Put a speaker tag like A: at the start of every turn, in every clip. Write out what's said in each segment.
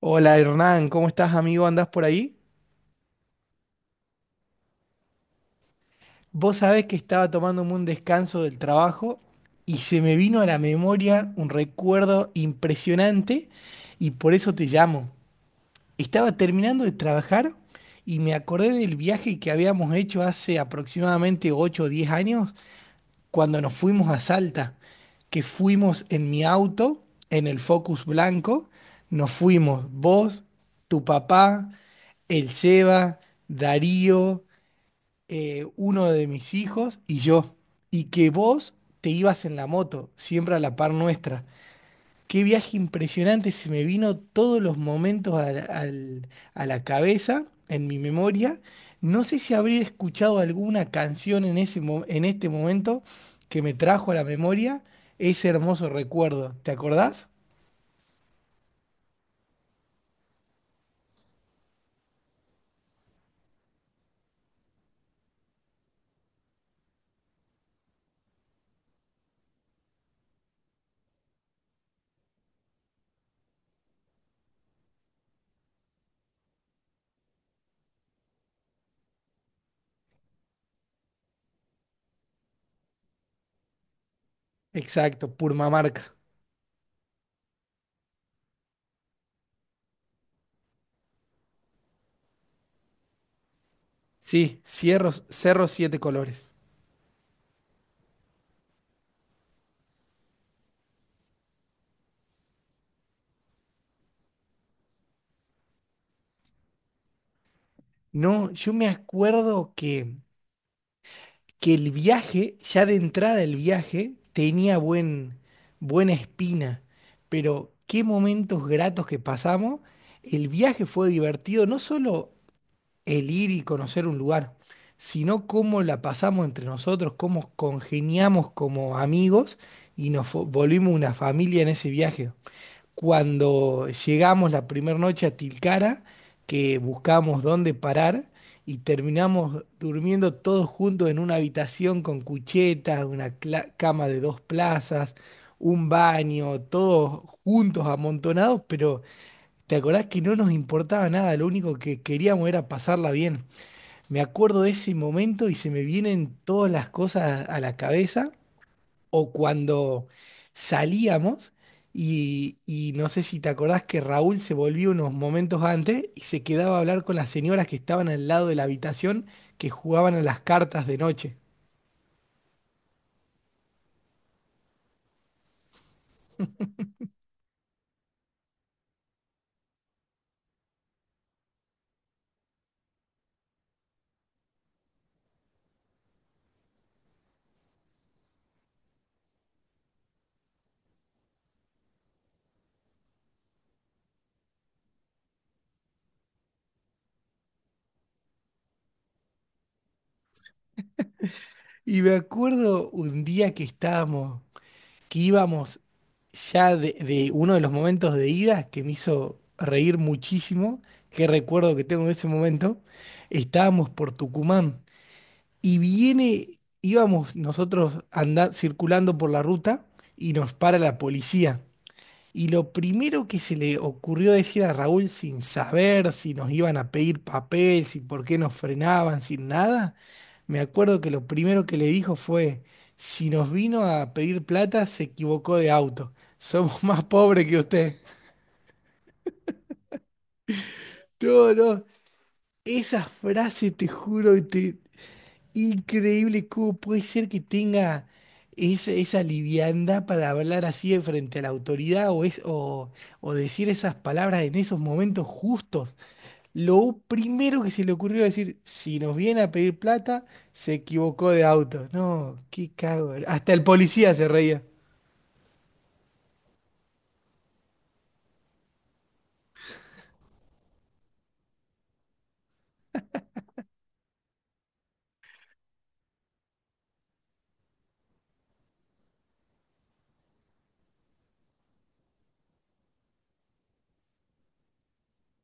A: Hola Hernán, ¿cómo estás amigo? ¿Andás por ahí? Vos sabés que estaba tomándome un descanso del trabajo y se me vino a la memoria un recuerdo impresionante y por eso te llamo. Estaba terminando de trabajar y me acordé del viaje que habíamos hecho hace aproximadamente 8 o 10 años cuando nos fuimos a Salta, que fuimos en mi auto, en el Focus blanco, nos fuimos vos, tu papá, el Seba, Darío. Uno de mis hijos y yo, y que vos te ibas en la moto, siempre a la par nuestra. Qué viaje impresionante, se me vino todos los momentos a la cabeza, en mi memoria. No sé si habría escuchado alguna canción en en este momento que me trajo a la memoria ese hermoso recuerdo. ¿Te acordás? Exacto, Purmamarca. Sí, Cerros, Cerros Siete Colores. No, yo me acuerdo que el viaje, ya de entrada el viaje, tenía buena espina, pero qué momentos gratos que pasamos. El viaje fue divertido, no solo el ir y conocer un lugar, sino cómo la pasamos entre nosotros, cómo congeniamos como amigos y volvimos una familia en ese viaje cuando llegamos la primera noche a Tilcara, que buscamos dónde parar y terminamos durmiendo todos juntos en una habitación con cuchetas, cama de 2 plazas, un baño, todos juntos amontonados, pero te acordás que no nos importaba nada, lo único que queríamos era pasarla bien. Me acuerdo de ese momento y se me vienen todas las cosas a la cabeza o cuando salíamos y no sé si te acordás que Raúl se volvió unos momentos antes y se quedaba a hablar con las señoras que estaban al lado de la habitación que jugaban a las cartas de noche. Y me acuerdo un día que estábamos, que íbamos ya de uno de los momentos de ida que me hizo reír muchísimo, que recuerdo que tengo de ese momento, estábamos por Tucumán. Y viene, íbamos nosotros andando, circulando por la ruta y nos para la policía. Y lo primero que se le ocurrió decir a Raúl sin saber si nos iban a pedir papel, si por qué nos frenaban, sin nada, me acuerdo que lo primero que le dijo fue, si nos vino a pedir plata, se equivocó de auto. Somos más pobres que usted. No, no. Esa frase, te juro, increíble cómo puede ser que tenga esa, esa liviandad para hablar así de frente a la autoridad o o decir esas palabras en esos momentos justos. Lo primero que se le ocurrió decir, si nos viene a pedir plata, se equivocó de auto. No, qué cago. Hasta el policía se reía.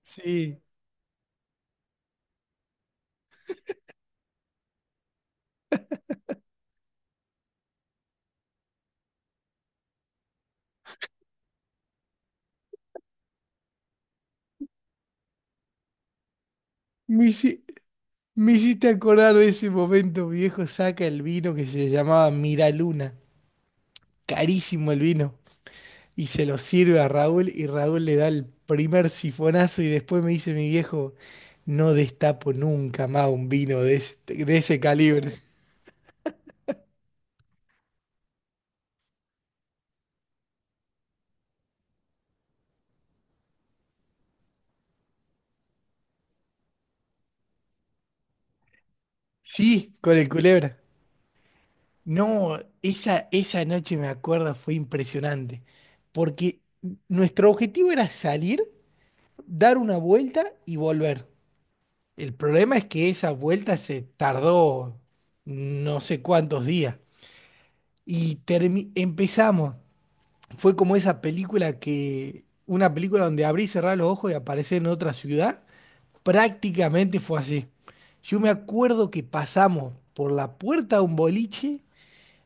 A: Sí, me, hici- me hiciste acordar de ese momento. Mi viejo saca el vino que se llamaba Miraluna. Carísimo el vino. Y se lo sirve a Raúl y Raúl le da el primer sifonazo y después me dice mi viejo, no destapo nunca más un vino de ese calibre. Sí, con el culebra. No, esa noche me acuerdo fue impresionante, porque nuestro objetivo era salir, dar una vuelta y volver. El problema es que esa vuelta se tardó no sé cuántos días y empezamos, fue como esa película una película donde abrí y cerré los ojos y aparecí en otra ciudad, prácticamente fue así. Yo me acuerdo que pasamos por la puerta de un boliche,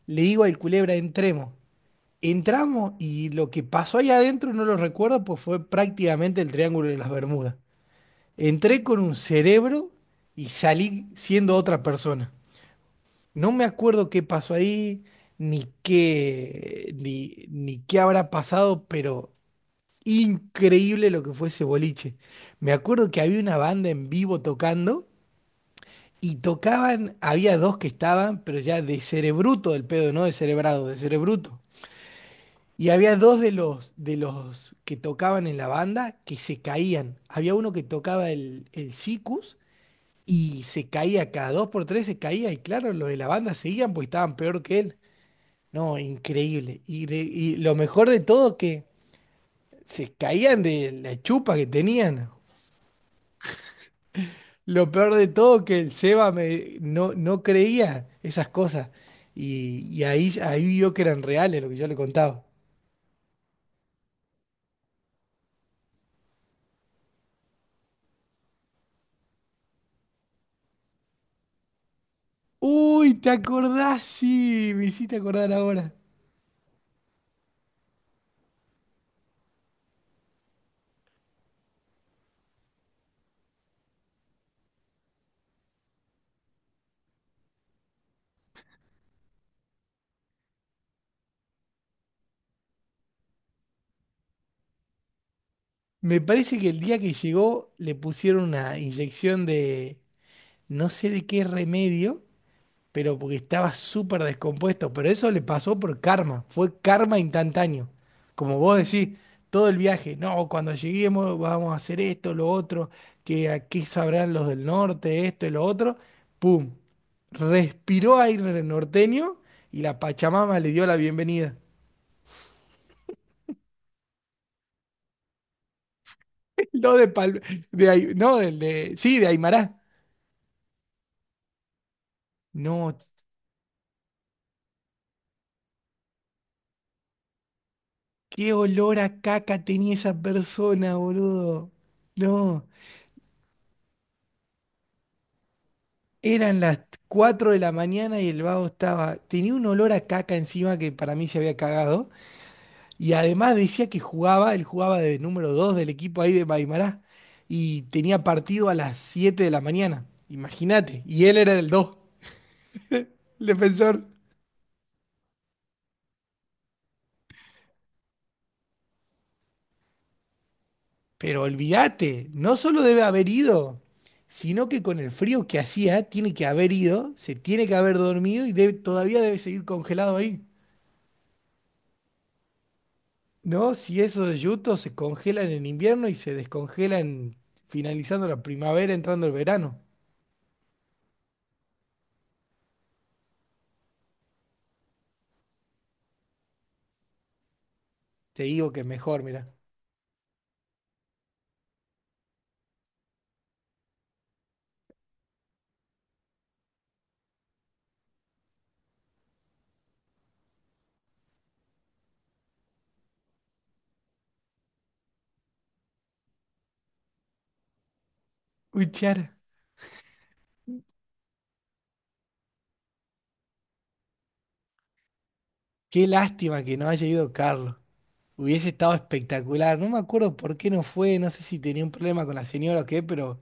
A: le digo al culebra, entremos. Entramos y lo que pasó ahí adentro no lo recuerdo, pues fue prácticamente el Triángulo de las Bermudas. Entré con un cerebro y salí siendo otra persona. No me acuerdo qué pasó ahí, ni qué habrá pasado, pero increíble lo que fue ese boliche. Me acuerdo que había una banda en vivo tocando y tocaban, había dos que estaban, pero ya de cerebruto del pedo, no de cerebrado, de cerebruto. Y había dos de de los que tocaban en la banda que se caían. Había uno que tocaba el sikus y se caía cada dos por tres, se caía. Y claro, los de la banda seguían porque estaban peor que él. No, increíble. Y lo mejor de todo que se caían de la chupa que tenían. Lo peor de todo que el Seba me, no, no creía esas cosas. Ahí vio que eran reales lo que yo le contaba. Uy, ¿te acordás? Sí, me hiciste acordar ahora. Me parece que el día que llegó le pusieron una inyección de no sé de qué remedio pero porque estaba súper descompuesto. Pero eso le pasó por karma, fue karma instantáneo. Como vos decís, todo el viaje, no, cuando lleguemos vamos a hacer esto, lo otro, que aquí sabrán los del norte, esto y lo otro. ¡Pum! Respiró aire norteño y la Pachamama le dio la bienvenida. No de Pal- de Ai- no, del de, sí, De Aymará. No, qué olor a caca tenía esa persona, boludo. No. Eran las 4 de la mañana y el vago estaba, tenía un olor a caca encima que para mí se había cagado y además decía que jugaba, él jugaba de número 2 del equipo ahí de Maimará y tenía partido a las 7 de la mañana, imagínate, y él era el 2, el defensor. Pero olvídate, no solo debe haber ido, sino que con el frío que hacía, tiene que haber ido, se tiene que haber dormido y todavía debe seguir congelado ahí. No, si esos yutos se congelan en invierno y se descongelan finalizando la primavera, entrando el verano. Te digo que mejor, mira. Uy, Chara, qué lástima que no haya ido Carlos. Hubiese estado espectacular. No me acuerdo por qué no fue, no sé si tenía un problema con la señora o qué, pero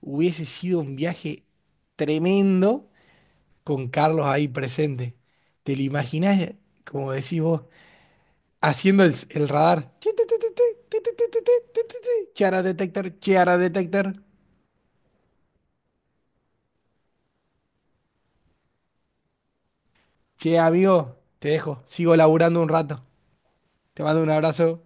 A: hubiese sido un viaje tremendo con Carlos ahí presente. ¿Te lo imaginás, como decís vos, haciendo el radar? Chiara detector, Chiara detector. Che, amigo, te dejo. Sigo laburando un rato. Te mando un abrazo.